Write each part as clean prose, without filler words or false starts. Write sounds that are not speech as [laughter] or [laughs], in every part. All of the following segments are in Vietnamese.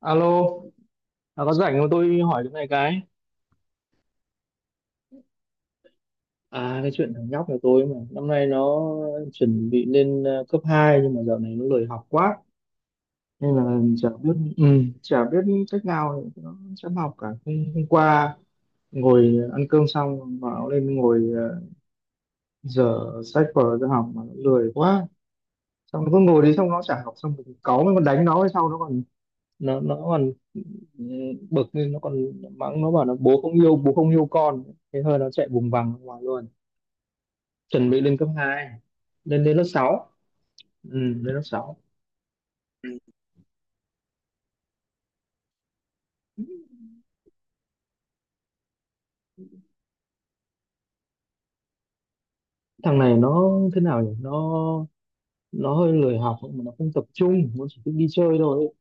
Alo, à, có rảnh không tôi hỏi cái này cái. À cái chuyện thằng nhóc của tôi mà năm nay nó chuẩn bị lên cấp 2 nhưng mà dạo này nó lười học quá nên là chả biết chả biết cách nào để nó chăm học cả. Hôm qua ngồi ăn cơm xong bảo lên ngồi dở sách vở ra học mà nó lười quá. Xong nó cứ ngồi đi xong nó chả học xong mình cáu mình còn đánh nó hay sau nó còn nó còn ừ, bực nên nó còn mắng nó bảo là bố không yêu con thế thôi nó chạy vùng vằng ra ngoài luôn. Chuẩn bị lên cấp 2, lên lên lớp 6, lên lớp 6. Thằng này nó thế nào nhỉ, nó hơi lười học mà nó không tập trung, nó chỉ thích đi chơi thôi ấy.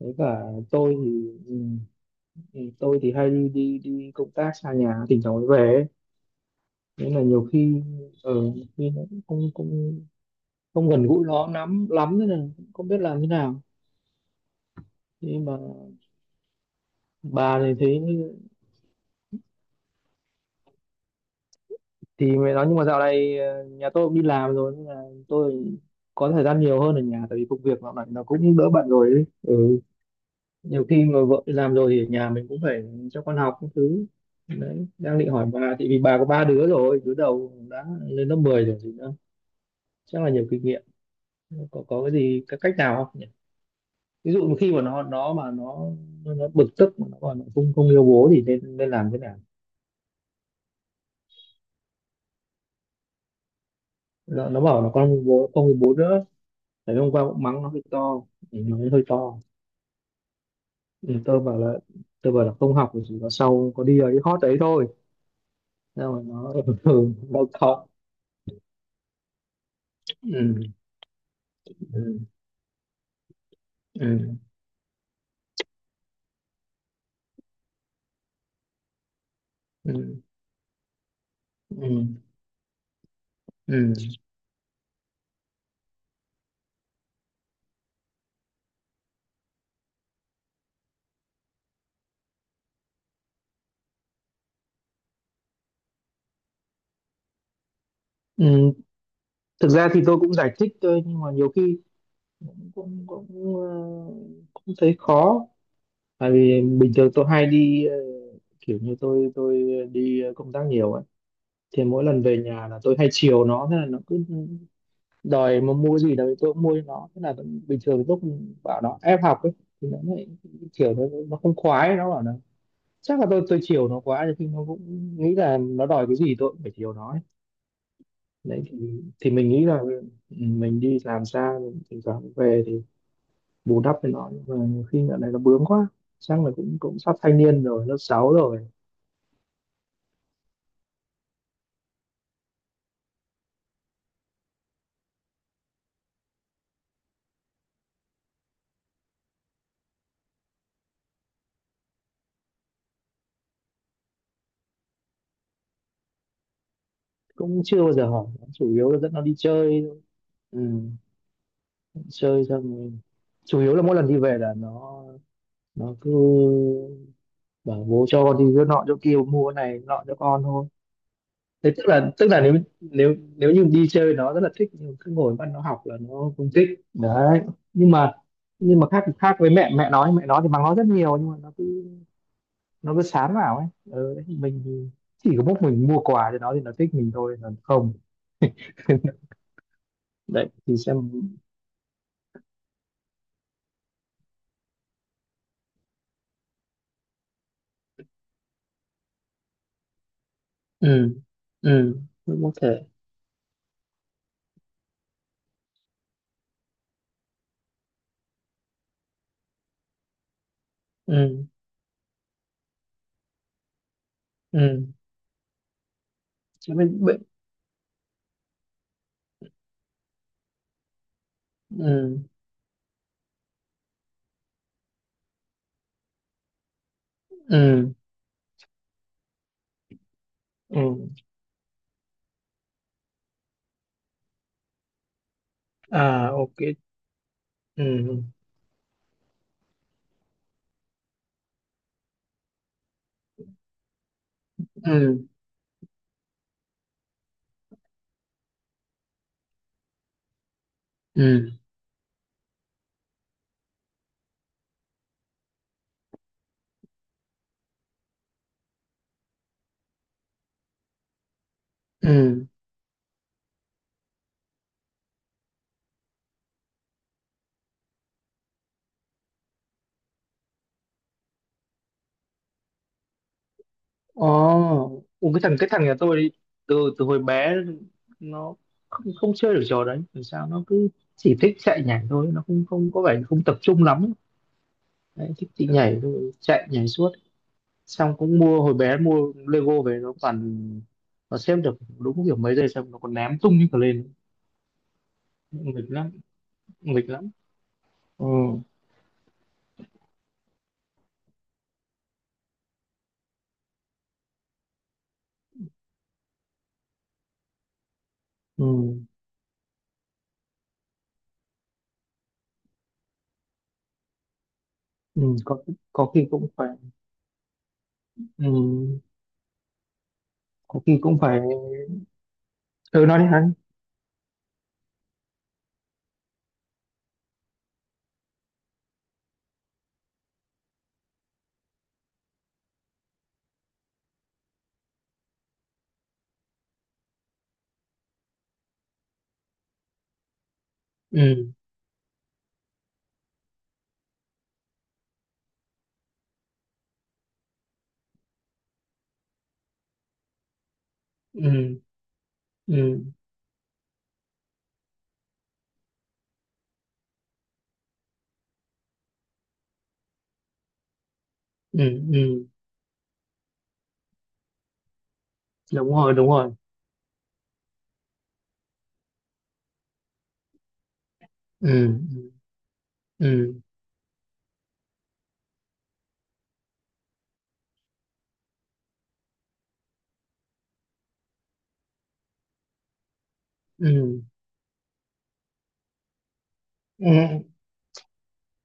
Với cả tôi thì ừ, tôi thì hay đi đi đi công tác xa nhà thỉnh thoảng mới về ấy. Nên là nhiều khi ở khi nó cũng không không không gần gũi nó lắm lắm, nên là cũng không biết làm thế nào, nhưng mà bà thì thấy thì mẹ nói. Nhưng mà dạo này nhà tôi cũng đi làm rồi nên là tôi có thời gian nhiều hơn ở nhà tại vì công việc dạo này nó cũng đỡ bận rồi ấy. Ừ. Nhiều khi mà vợ đi làm rồi thì ở nhà mình cũng phải cho con học các thứ. Đấy đang định hỏi bà thì vì bà có 3 đứa rồi, đứa đầu đã lên lớp 10 rồi gì nữa, chắc là nhiều kinh nghiệm. Có cái gì cái cách nào không nhỉ, ví dụ mà khi mà nó mà nó bực tức mà nó còn không không yêu bố thì nên nên làm thế nào? Nó bảo là con không yêu bố không yêu bố nữa. Đấy, hôm qua cũng mắng nó hơi to, nó hơi to. Ừ, tôi bảo là không học thì chỉ có sau có đi ở cái hot đấy thôi. Sao mà nó [laughs] đau khổ. Ừ, ừ, ừ, ừ, ừ, ừ. Ừ, thực ra thì tôi cũng giải thích thôi nhưng mà nhiều khi cũng cũng cũng, ờ, cũng thấy khó, tại vì bình thường tôi hay kiểu như tôi đi công tác nhiều ấy. Thì mỗi lần về nhà là tôi hay chiều nó, thế là nó cứ đòi mà mua gì đấy tôi cũng mua cho nó, thế là vẫn bình thường lúc bảo nó ép học ấy thì nó lại kiểu nó không khoái. Nó bảo là chắc là tôi chiều nó quá nhưng nó cũng nghĩ là nó đòi cái gì tôi cũng phải chiều nó ấy. Đấy thì mình nghĩ là mình đi làm xa mình thỉnh thoảng về thì bù đắp với nó, nhưng mà nhiều khi dạo này nó bướng quá, chắc là cũng cũng sắp thanh niên rồi, lớp 6 rồi. Cũng chưa bao giờ hỏi nó, chủ yếu là dẫn nó đi chơi. Ừ, chơi xong rồi chủ yếu là mỗi lần đi về là nó cứ bảo bố cho con đi chỗ nọ chỗ kia mua cái này nọ cho con thôi. Thế tức là nếu nếu nếu như đi chơi nó rất là thích nhưng cứ ngồi bắt nó học là nó không thích đấy. Nhưng mà nhưng mà khác khác với mẹ, mẹ nói thì mắng nó rất nhiều nhưng mà nó cứ sán vào ấy, ừ, đấy, mình thì chỉ có mỗi mình mua quà cho nó thì nó thích mình thôi còn không. Đấy thì xem. Ừ, ừ. Cũng có thể. Ừ, ừ. Chứ bên bên. Ừ, ừ, ừ. À, ok. Ừ, ừ, ừ, ừ. Ồ. Ủa, cái thằng nhà tôi đi từ từ hồi bé nó không chơi được trò đấy làm sao, nó cứ chỉ thích chạy nhảy thôi, nó không không có vẻ không tập trung lắm. Đấy, thích thì nhảy thôi, chạy nhảy suốt, xong cũng mua hồi bé mua Lego về nó toàn nó xếp được đúng kiểu mấy giây xong nó còn ném tung như cả lên. Nghịch lắm, nghịch lắm. Ừ. Ừ, ừ. Có khi cũng phải. Ừ, có khi cũng phải. Ừ, nói đi hắn. Ừ, ừ, ừ, ừ, ừ. Đúng rồi, đúng rồi. Ừ, ừ, ừ, ừ, ừ.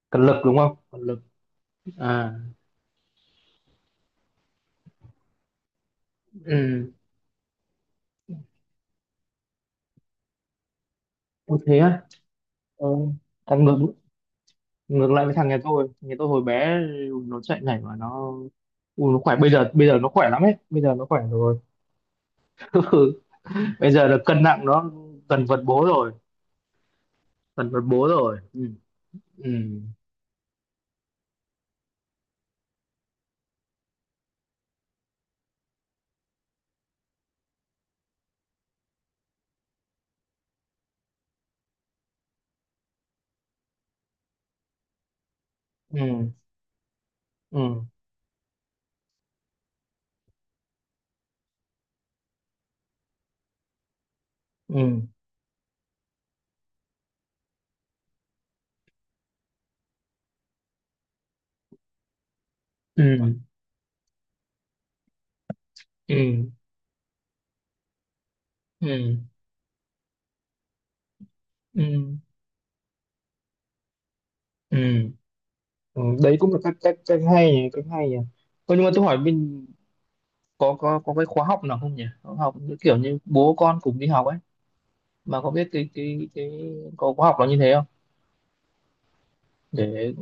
Cần lực đúng không, cần lực. À, ừ. Ủa, thế á? Ừ. Thằng ngược ngược lại với thằng nhà tôi. Thằng nhà tôi hồi bé nó chạy nhảy mà nó. Ui, nó khỏe, bây giờ nó khỏe lắm ấy, bây giờ nó khỏe rồi. [laughs] Ừ. Bây giờ là cân nặng nó gần vật bố rồi, gần vật bố rồi. Ừ. Ừ, ừ, ừ, ừ, ừ, ừ, ừ, ừ, ừ, ừ, ừ. Ừ, đấy cũng là cách cách cách hay nhỉ, cách hay nhỉ. Ơ, nhưng mà tôi hỏi mình có cái khóa học nào không nhỉ? Khóa học như kiểu như bố con cùng đi học ấy, mà có biết cái có khóa học nó như thế không? Để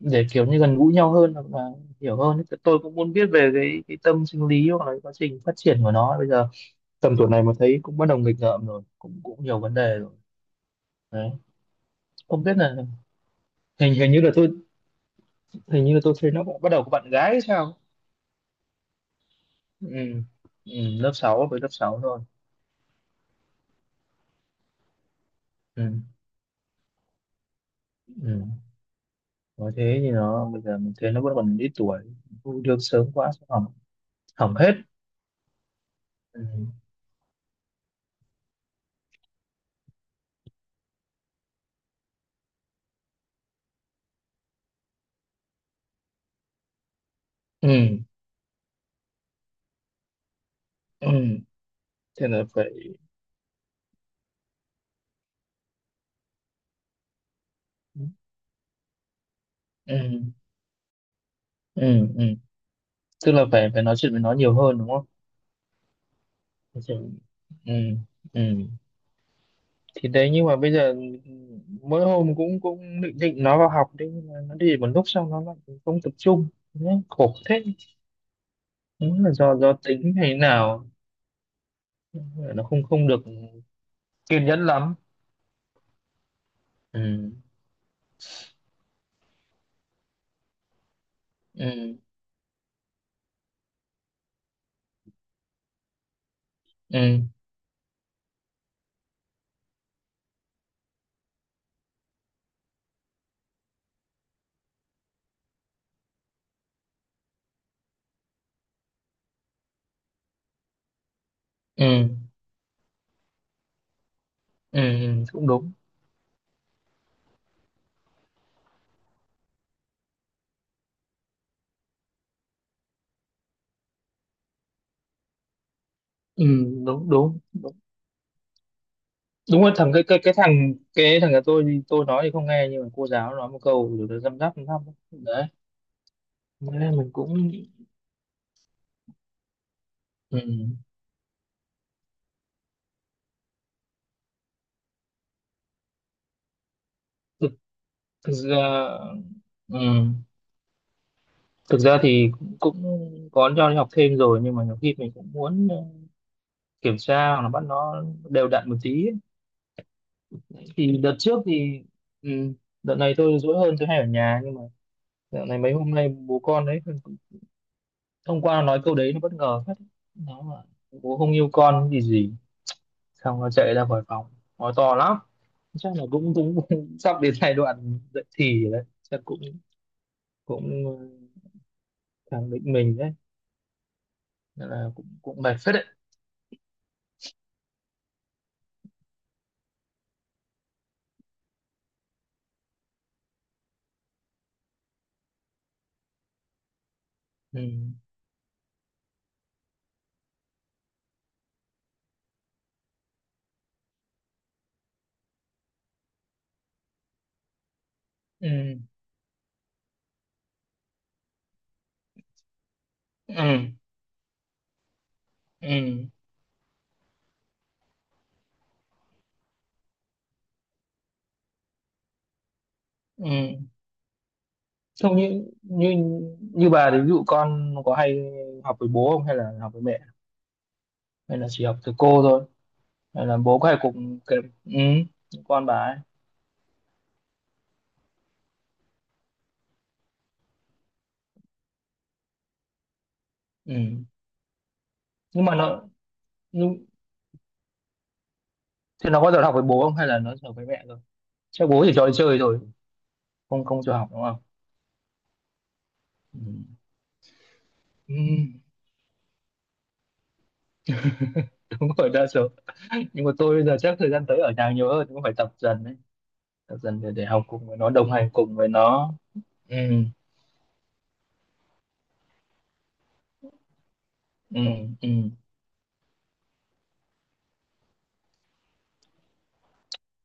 để kiểu như gần gũi nhau hơn hoặc là hiểu hơn ấy. Tôi cũng muốn biết về cái tâm sinh lý hoặc là quá trình phát triển của nó ấy. Bây giờ tầm tuổi này mà thấy cũng bắt đầu nghịch ngợm rồi, cũng cũng nhiều vấn đề rồi. Đấy. Không biết là hình hình như là tôi hình như là tôi thấy nó bắt đầu có bạn gái hay sao? Ừ. Ừ, lớp 6 với lớp 6 rồi. Ừ. Ừ. Nói thế thì nó bây giờ mình thấy nó vẫn còn ít tuổi, thu được sớm quá sẽ hỏng, hỏng hết. Ừ. Ừ. Ừ. Thế là phải. Ừ. Ừ. Ừ. Tức là phải phải nói chuyện với nó nhiều hơn đúng không? Nói chuyện- ừ. Ừ. Thì đấy nhưng mà bây giờ mỗi hôm cũng cũng định định nó vào học đấy, nhưng mà nó đi một lúc xong nó lại không tập trung. Đấy, khổ thế. Đúng là do tính hay nào, nó không không được kiên nhẫn lắm. Ừ. Ừ. Ừ. Ừ. Ừ, ừ, cũng đúng. Ừ, đúng đúng đúng. Đúng là thằng cái thằng nhà tôi thì tôi nói thì không nghe nhưng mà cô giáo nói một câu rồi nó răm rắp răm rắp. Đấy nên mình cũng, ừ, thực, thực ra ừ, thực ra thì cũng có cho đi học thêm rồi, nhưng mà nhiều khi mình cũng muốn kiểm tra hoặc là bắt nó đều đặn một tí ấy. Thì đợt trước thì ừ, đợt này tôi dỗi hơn tôi hay ở nhà. Nhưng mà dạo này mấy hôm nay bố con đấy, hôm qua nó nói câu đấy nó bất ngờ phết. Nó là bố không yêu con gì gì xong nó chạy ra khỏi phòng, nói to lắm. Chắc là cũng cũng, [laughs] sắp đến giai đoạn dậy thì rồi đấy, chắc cũng cũng ờ, khẳng định mình đấy. Nên là cũng cũng mệt phết đấy. Ừ. Ừ. Ừ. Ừ. Ừ. Không như như như bà thì ví dụ con có hay học với bố không hay là học với mẹ, hay là chỉ học từ cô thôi, hay là bố có hay cùng kèm con bà ấy? Ừ. Nhưng mà nó. Thế nó có giờ học với bố không hay là nó giờ với mẹ rồi? Chắc bố chỉ cho đi chơi rồi, không không cho học đúng không? Ừ. Ừ, đúng rồi đa số. Nhưng mà tôi bây giờ chắc thời gian tới ở nhà nhiều hơn, cũng phải tập dần đấy, tập dần để học cùng với nó, đồng hành cùng với nó. Ừ, ừ, ừ.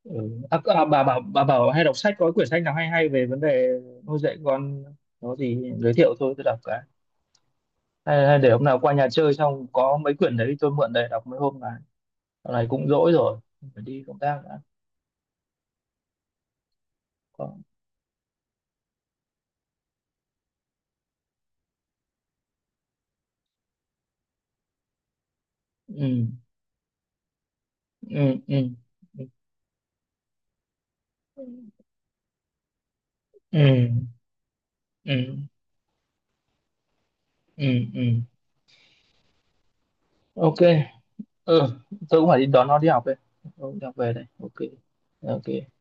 Ừ. À, bà bảo hay đọc sách, có quyển sách nào hay hay về vấn đề nuôi dạy con nó gì giới thiệu thôi tôi đọc cái hay, hay để hôm nào qua nhà chơi xong có mấy quyển đấy tôi mượn để đọc mấy hôm này, dạo này cũng rỗi rồi, phải đi công tác đã. Có. Ừ. Ừ, ừ, ừ, ừ, ừ. ừ ok. Ừ. Tôi cũng phải đi đón nó đi học đây. Tôi cũng đi học về đây. Ok. Ok.